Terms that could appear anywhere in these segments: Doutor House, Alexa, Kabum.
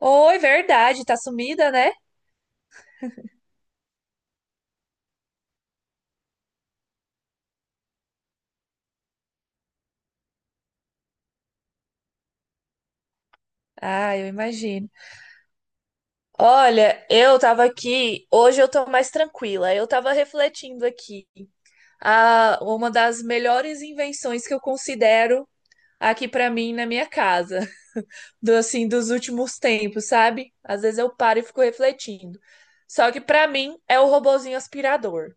Oi, verdade, tá sumida, né? Ah, eu imagino. Olha, eu tava aqui, hoje eu tô mais tranquila. Eu tava refletindo aqui. Ah, uma das melhores invenções que eu considero aqui pra mim na minha casa, do assim dos últimos tempos, sabe? Às vezes eu paro e fico refletindo. Só que pra mim é o robozinho aspirador.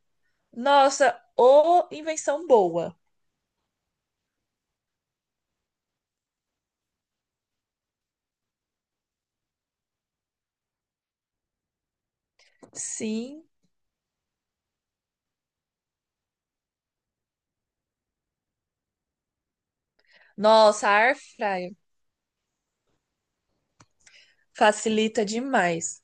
Nossa, ô invenção boa. Sim. Nossa, a air fryer facilita demais.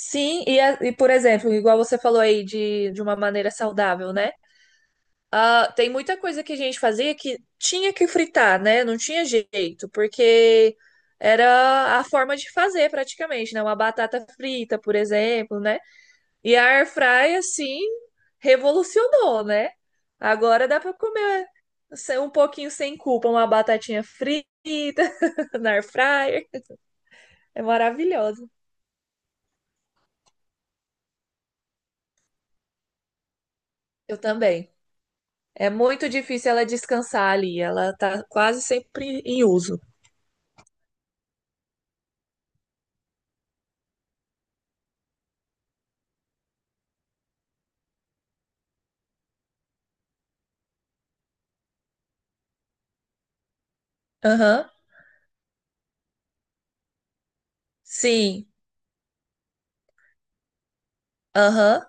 Sim, e por exemplo, igual você falou aí de uma maneira saudável, né? Ah, tem muita coisa que a gente fazia que tinha que fritar, né? Não tinha jeito, porque era a forma de fazer praticamente, né? Uma batata frita, por exemplo, né? E a air fry assim, revolucionou, né? Agora dá para comer um pouquinho sem culpa, uma batatinha frita na air fryer. É maravilhoso. Eu também. É muito difícil ela descansar ali, ela tá quase sempre em uso. Aham. Sim. Aham.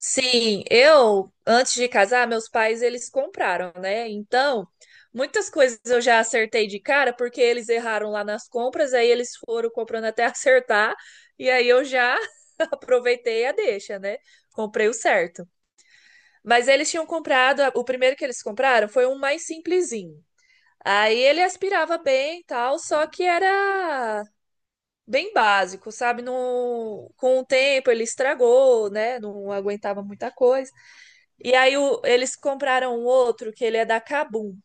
Sim, eu antes de casar, meus pais eles compraram, né? Então, muitas coisas eu já acertei de cara porque eles erraram lá nas compras, aí eles foram comprando até acertar, e aí eu já aproveitei a deixa, né? Comprei o certo. Mas eles tinham comprado, o primeiro que eles compraram foi um mais simplesinho. Aí ele aspirava bem e tal, só que era bem básico, sabe? No, com o tempo ele estragou, né? Não aguentava muita coisa. E aí eles compraram um outro que ele é da Kabum.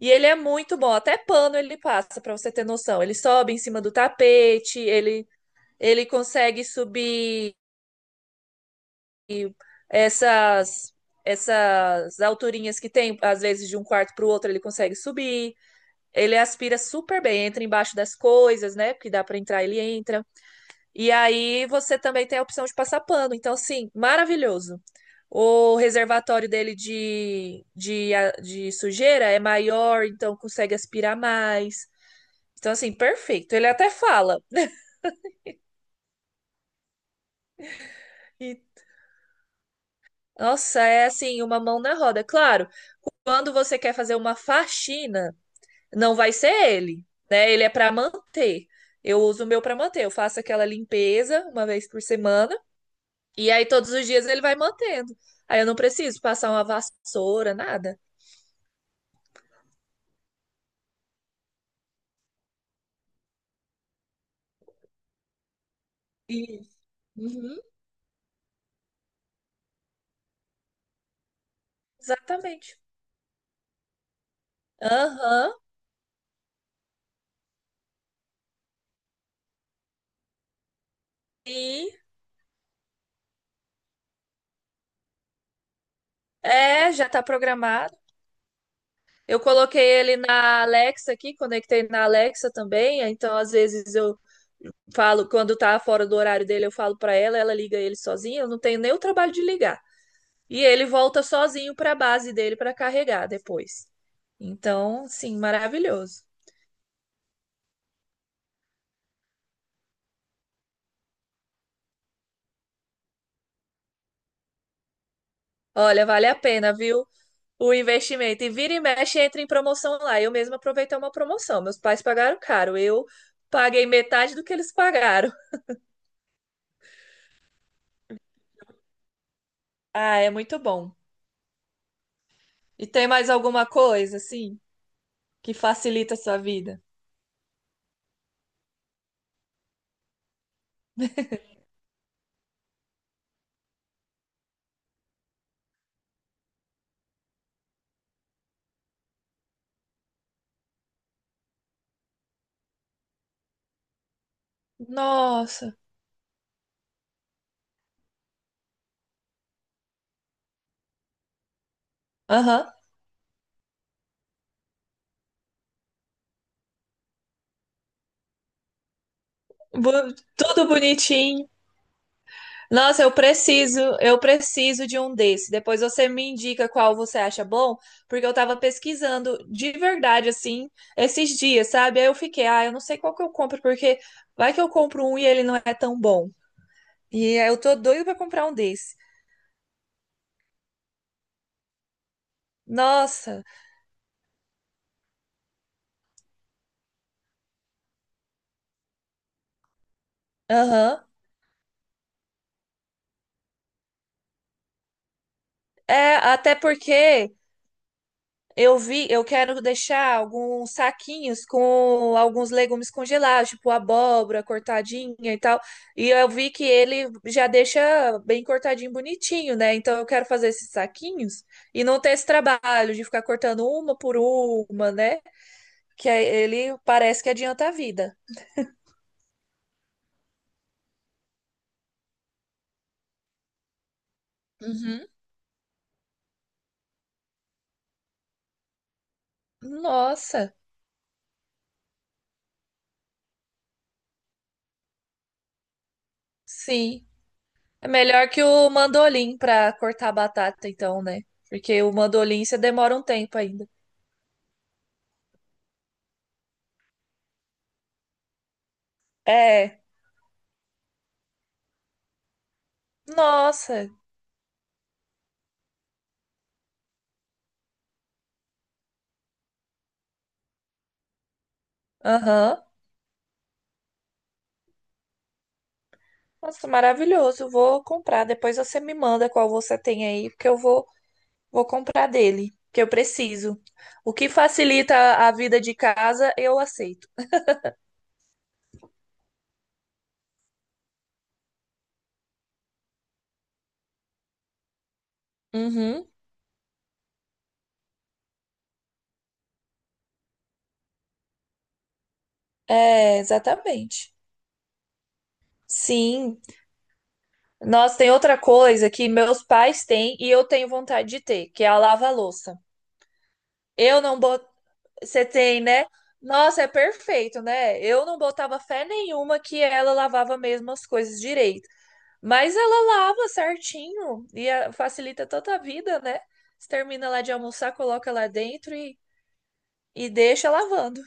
E ele é muito bom, até pano ele passa, pra você ter noção. Ele sobe em cima do tapete, ele consegue subir essas essas alturinhas que tem, às vezes de um quarto para o outro ele consegue subir. Ele aspira super bem, entra embaixo das coisas, né? Porque dá para entrar, ele entra. E aí você também tem a opção de passar pano. Então, assim, maravilhoso. O reservatório dele de sujeira é maior, então consegue aspirar mais. Então, assim, perfeito. Ele até fala. Né? E, nossa, é assim, uma mão na roda. Claro, quando você quer fazer uma faxina, não vai ser ele, né? Ele é para manter. Eu uso o meu para manter. Eu faço aquela limpeza uma vez por semana e aí todos os dias ele vai mantendo. Aí eu não preciso passar uma vassoura, nada. E, Uhum, exatamente. Aham. E é, já tá programado. Eu coloquei ele na Alexa aqui, conectei na Alexa também. Então, às vezes eu falo, quando tá fora do horário dele, eu falo pra ela, ela liga ele sozinha. Eu não tenho nem o trabalho de ligar. E ele volta sozinho para a base dele para carregar depois. Então, sim, maravilhoso. Olha, vale a pena, viu? O investimento. E vira e mexe, entra em promoção lá. Eu mesma aproveitei uma promoção. Meus pais pagaram caro. Eu paguei metade do que eles pagaram. Ah, é muito bom. E tem mais alguma coisa, assim, que facilita a sua vida? Nossa. Aham. Tudo bonitinho. Nossa, eu preciso de um desse. Depois você me indica qual você acha bom, porque eu tava pesquisando de verdade assim esses dias, sabe? Aí eu fiquei, ah, eu não sei qual que eu compro, porque vai que eu compro um e ele não é tão bom. E aí eu tô doido pra comprar um desse. Nossa, aham. É, até porque eu vi, eu quero deixar alguns saquinhos com alguns legumes congelados, tipo abóbora cortadinha e tal. E eu vi que ele já deixa bem cortadinho, bonitinho, né? Então eu quero fazer esses saquinhos e não ter esse trabalho de ficar cortando uma por uma, né? Que aí ele parece que adianta a vida. Uhum. Nossa, sim. É melhor que o mandolim para cortar a batata, então, né? Porque o mandolim você demora um tempo ainda. É. Nossa, Aham. Nossa, maravilhoso. Vou comprar. Depois você me manda qual você tem aí, porque vou comprar dele, que eu preciso. O que facilita a vida de casa, eu aceito. Uhum. É, exatamente. Sim. Nossa, tem outra coisa que meus pais têm e eu tenho vontade de ter, que é a lava-louça. Eu não boto. Você tem, né? Nossa, é perfeito, né? Eu não botava fé nenhuma que ela lavava mesmo as coisas direito. Mas ela lava certinho e ah, facilita toda a vida, né? Você termina lá de almoçar, coloca lá dentro e deixa lavando.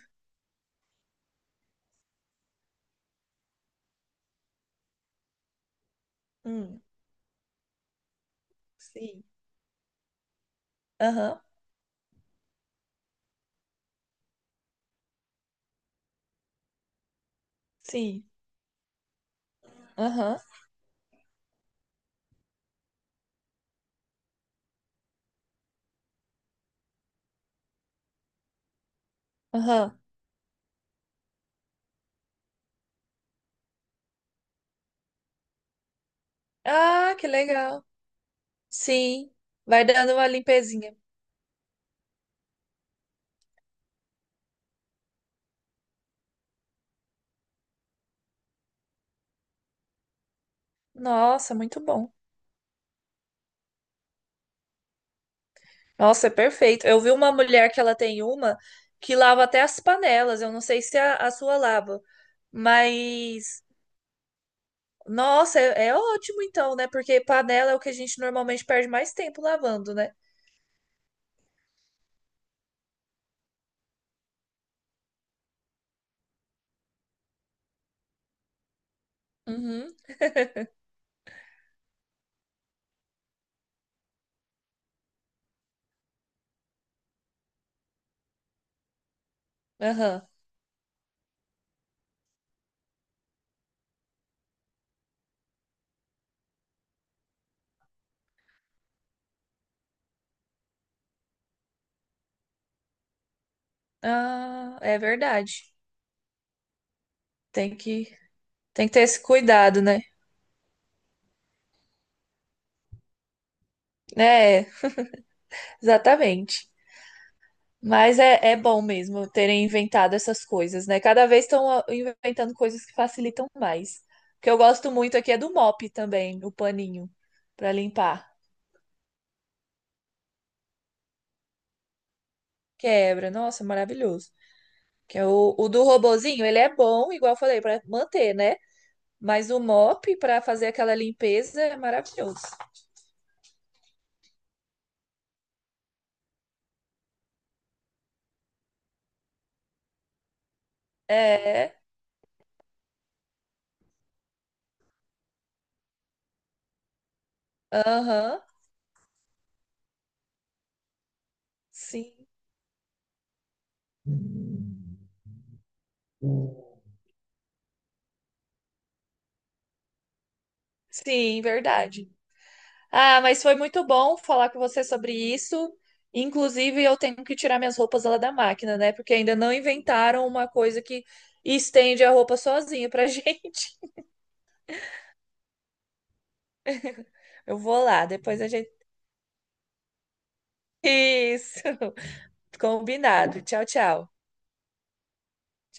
Hum, sim. Aham, sim. Aham, aham. Ah, que legal. Sim. Vai dando uma limpezinha. Nossa, muito bom. Nossa, é perfeito. Eu vi uma mulher que ela tem uma que lava até as panelas. Eu não sei se a sua lava, mas nossa, é, é ótimo então, né? Porque panela é o que a gente normalmente perde mais tempo lavando, né? Uhum, aham. Ah, é verdade. Tem que, tem que ter esse cuidado, né? É, exatamente. Mas é, é bom mesmo terem inventado essas coisas, né? Cada vez estão ah, inventando coisas que facilitam mais. O que eu gosto muito aqui é do mop também, o paninho para limpar. Quebra, nossa, maravilhoso. Que é o do robozinho, ele é bom, igual eu falei, para manter, né? Mas o mop para fazer aquela limpeza é maravilhoso. É, aham, sim, sim, verdade. Ah, mas foi muito bom falar com você sobre isso. Inclusive, eu tenho que tirar minhas roupas lá da máquina, né? Porque ainda não inventaram uma coisa que estende a roupa sozinha pra gente. Eu vou lá, depois a gente. Isso, combinado. Tchau, tchau.